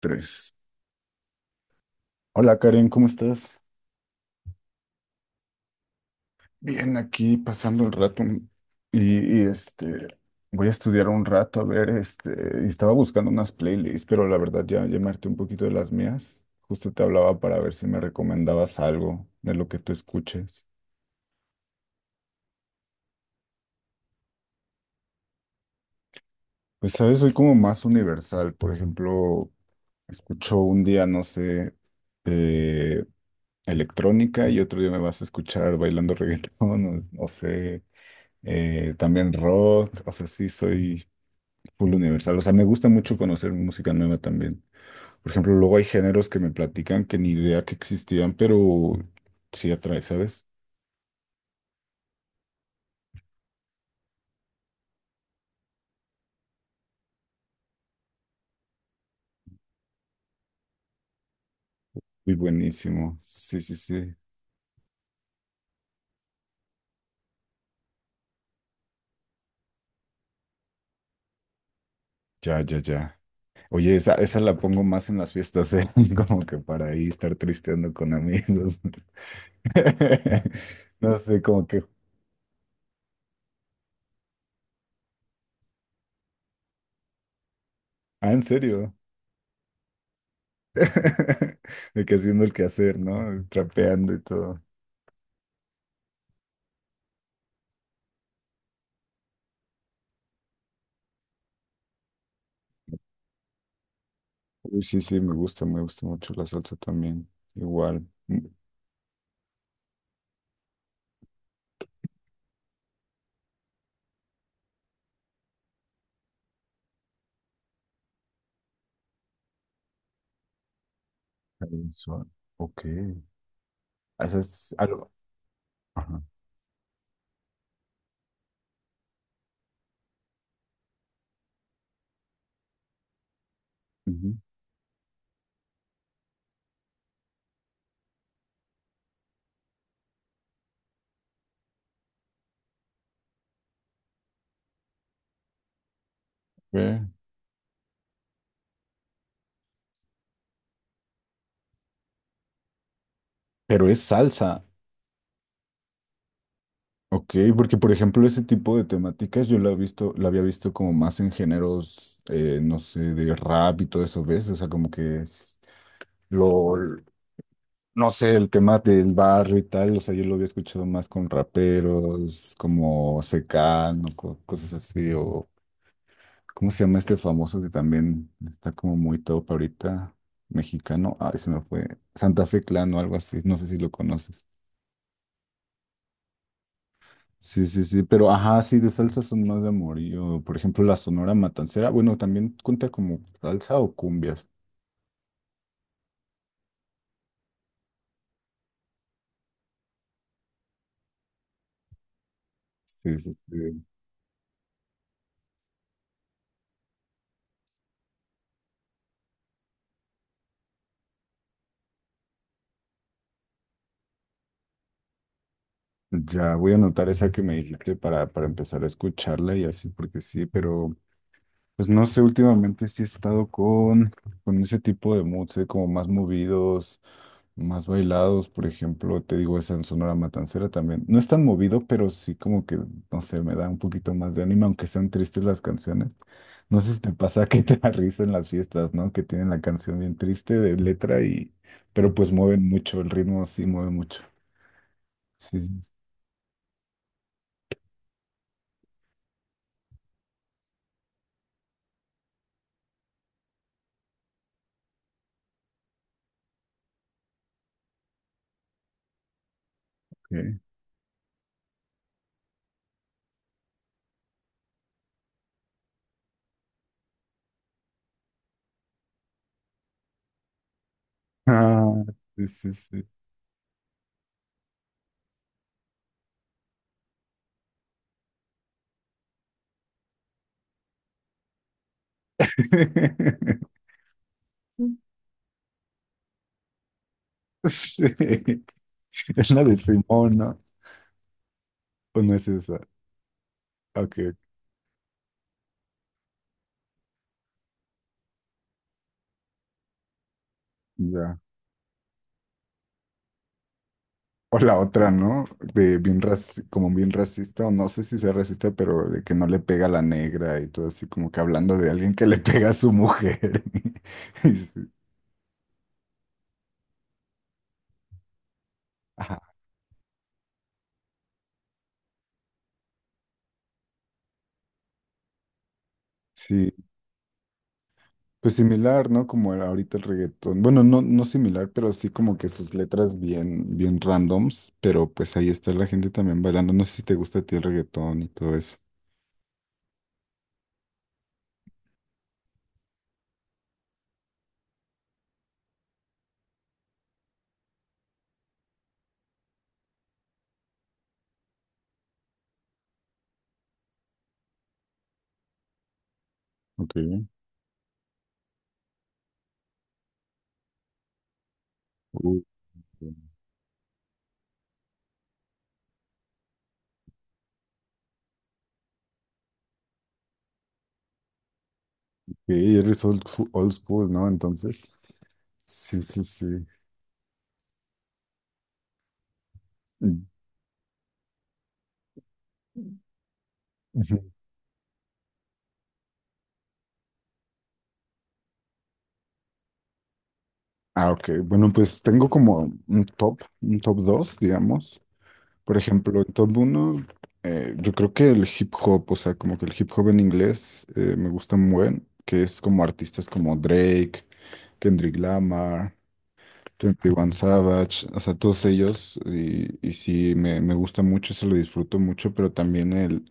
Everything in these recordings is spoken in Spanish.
Tres. Hola Karen, ¿cómo estás? Bien, aquí pasando el rato y voy a estudiar un rato a ver, y estaba buscando unas playlists, pero la verdad ya me harté un poquito de las mías. Justo te hablaba para ver si me recomendabas algo de lo que tú escuches. Pues sabes, soy como más universal. Por ejemplo, escucho un día, no sé, eh, electrónica y otro día me vas a escuchar bailando reggaetón, no sé, también rock, o sea, sí soy full universal. O sea, me gusta mucho conocer música nueva también. Por ejemplo, luego hay géneros que me platican que ni idea que existían, pero sí atrae, ¿sabes? Muy buenísimo. Sí, sí, sí. Ya, ya, ya. Oye, esa la pongo más en las fiestas, ¿eh? Como que para ahí estar tristeando con amigos. No sé, como que... Ah, ¿en serio? De que haciendo el quehacer, ¿no? Trapeando y todo. Uy, sí, sí, me gusta mucho la salsa también. Igual. Sensual. Ok. Eso es algo. Ajá. Ujú. Ve. Pero es salsa. Ok, porque por ejemplo ese tipo de temáticas yo la he visto, la había visto como más en géneros, no sé, de rap y todo eso, ¿ves? O sea, como que es lo, no sé, el tema del barrio y tal, o sea, yo lo había escuchado más con raperos, como Secano, cosas así. O ¿cómo se llama este famoso que también está como muy top ahorita? Mexicano. Ay, se me fue. Santa Fe Clan o algo así. No sé si lo conoces. Sí, sí, sí. Pero ajá, sí, de salsa son más de amorío. Por ejemplo, la Sonora Matancera. Bueno, también cuenta como salsa o cumbias. Sí, sí, sí. Ya voy a anotar esa que me dijiste para empezar a escucharla y así, porque sí, pero pues no sé, últimamente sí he estado con ese tipo de moods, ¿eh? Como más movidos, más bailados. Por ejemplo, te digo, esa en Sonora Matancera también. No es tan movido, pero sí como que, no sé, me da un poquito más de ánimo, aunque sean tristes las canciones. No sé si te pasa que te da risa en las fiestas, ¿no? Que tienen la canción bien triste de letra y... Pero pues mueven mucho, el ritmo sí mueve mucho. Sí, sí, sí. Ok. Ah, sí, sí, sí. Sí, es la de Simón, ¿no? ¿O no es esa? Ok, ok, ya. O la otra, ¿no? De bien como bien racista, o no sé si sea racista, pero de que no le pega a la negra y todo así, como que hablando de alguien que le pega a su mujer. Y sí, ajá, sí, pues similar, ¿no? Como era ahorita el reggaetón. Bueno, no, no similar, pero sí como que sus letras bien, bien randoms, pero pues ahí está la gente también bailando. No sé si te gusta a ti el reggaetón y todo eso. Ok. Uh, sí, eres old, old school, ¿no? Entonces. Sí, sí, sí. Mm. Ah, ok. Bueno, pues tengo como un top 2, digamos. Por ejemplo, el top 1, yo creo que el hip hop, o sea, como que el hip hop en inglés, me gusta muy buen, que es como artistas como Drake, Kendrick Lamar, 21 Savage, o sea, todos ellos, y sí, me gusta mucho, se lo disfruto mucho, pero también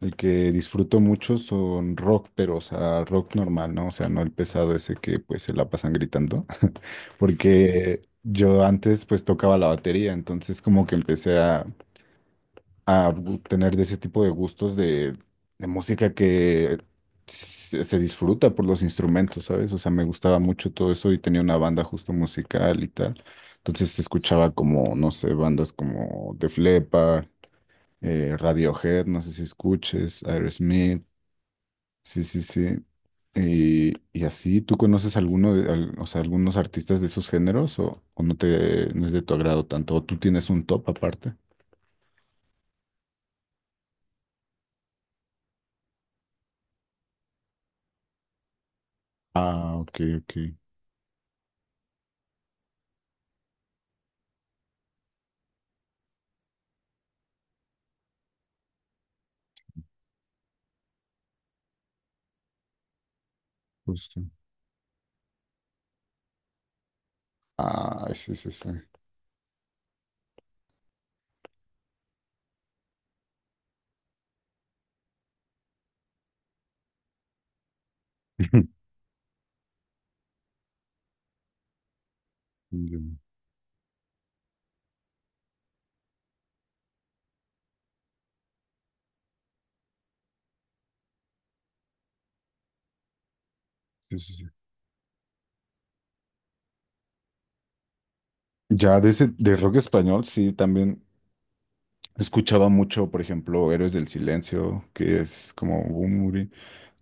el que disfruto mucho son rock, pero, o sea, rock normal, ¿no? O sea, no el pesado ese que, pues, se la pasan gritando, porque yo antes, pues, tocaba la batería, entonces como que empecé a tener de ese tipo de gustos de, música que se disfruta por los instrumentos, ¿sabes? O sea, me gustaba mucho todo eso y tenía una banda justo musical y tal. Entonces escuchaba como, no sé, bandas como Def Leppard, Radiohead, no sé si escuches, Aerosmith, sí, sí, sí. Y así, ¿tú conoces alguno de, o sea, algunos artistas de esos géneros o no es de tu agrado tanto? ¿O tú tienes un top aparte? Ah, ok, ok. Justo. Ah, sí, sí, sí. Ya, sí, sí, sí. Ya de ese, de rock español, sí, también escuchaba mucho, por ejemplo, Héroes del Silencio, que es como un.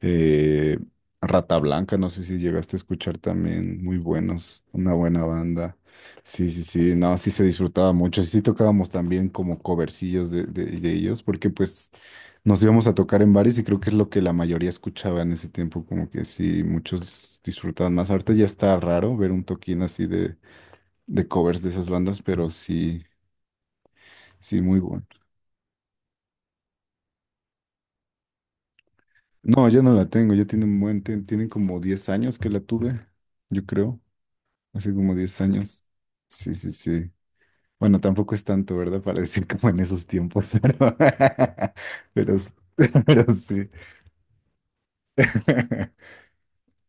Eh, Rata Blanca, no sé si llegaste a escuchar también, muy buenos, una buena banda. Sí, sí, sí, no, sí se disfrutaba mucho, sí tocábamos también como covercillos de ellos, porque pues nos íbamos a tocar en bares y creo que es lo que la mayoría escuchaba en ese tiempo, como que sí, muchos disfrutaban más. Ahorita ya está raro ver un toquín así de covers de esas bandas, pero sí, sí, muy bueno. No, ya no la tengo, ya tiene un buen, tienen como 10 años que la tuve, yo creo. Hace como 10 años. Sí, sí, sí. Bueno, tampoco es tanto, ¿verdad? Para decir como en esos tiempos, pero, pero sí.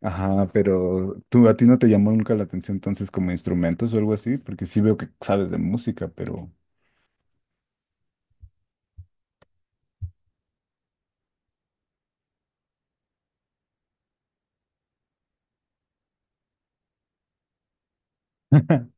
Ajá, pero tú, a ti no te llamó nunca la atención entonces como instrumentos o algo así, porque sí veo que sabes de música, pero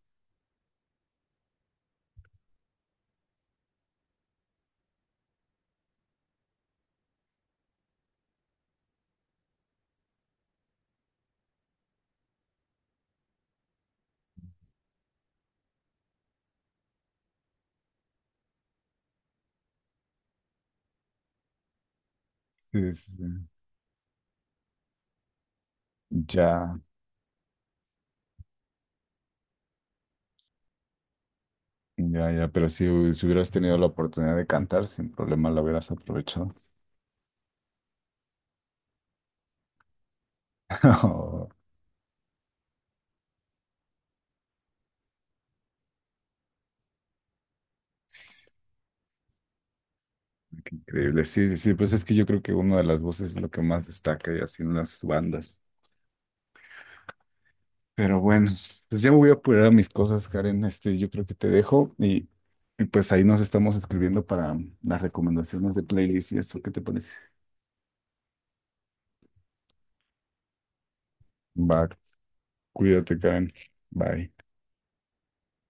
sí, sí, sí. Ya, ya, ya, pero si hubieras tenido la oportunidad de cantar, sin problema la hubieras aprovechado. Oh, sí, increíble, sí, sí, sí, pues es que yo creo que una de las voces es lo que más destaca y así en las bandas. Pero bueno, pues ya me voy a apurar a mis cosas, Karen. Yo creo que te dejo y pues ahí nos estamos escribiendo para las recomendaciones de playlist y eso. ¿Qué te parece? Va, cuídate, Karen. Bye.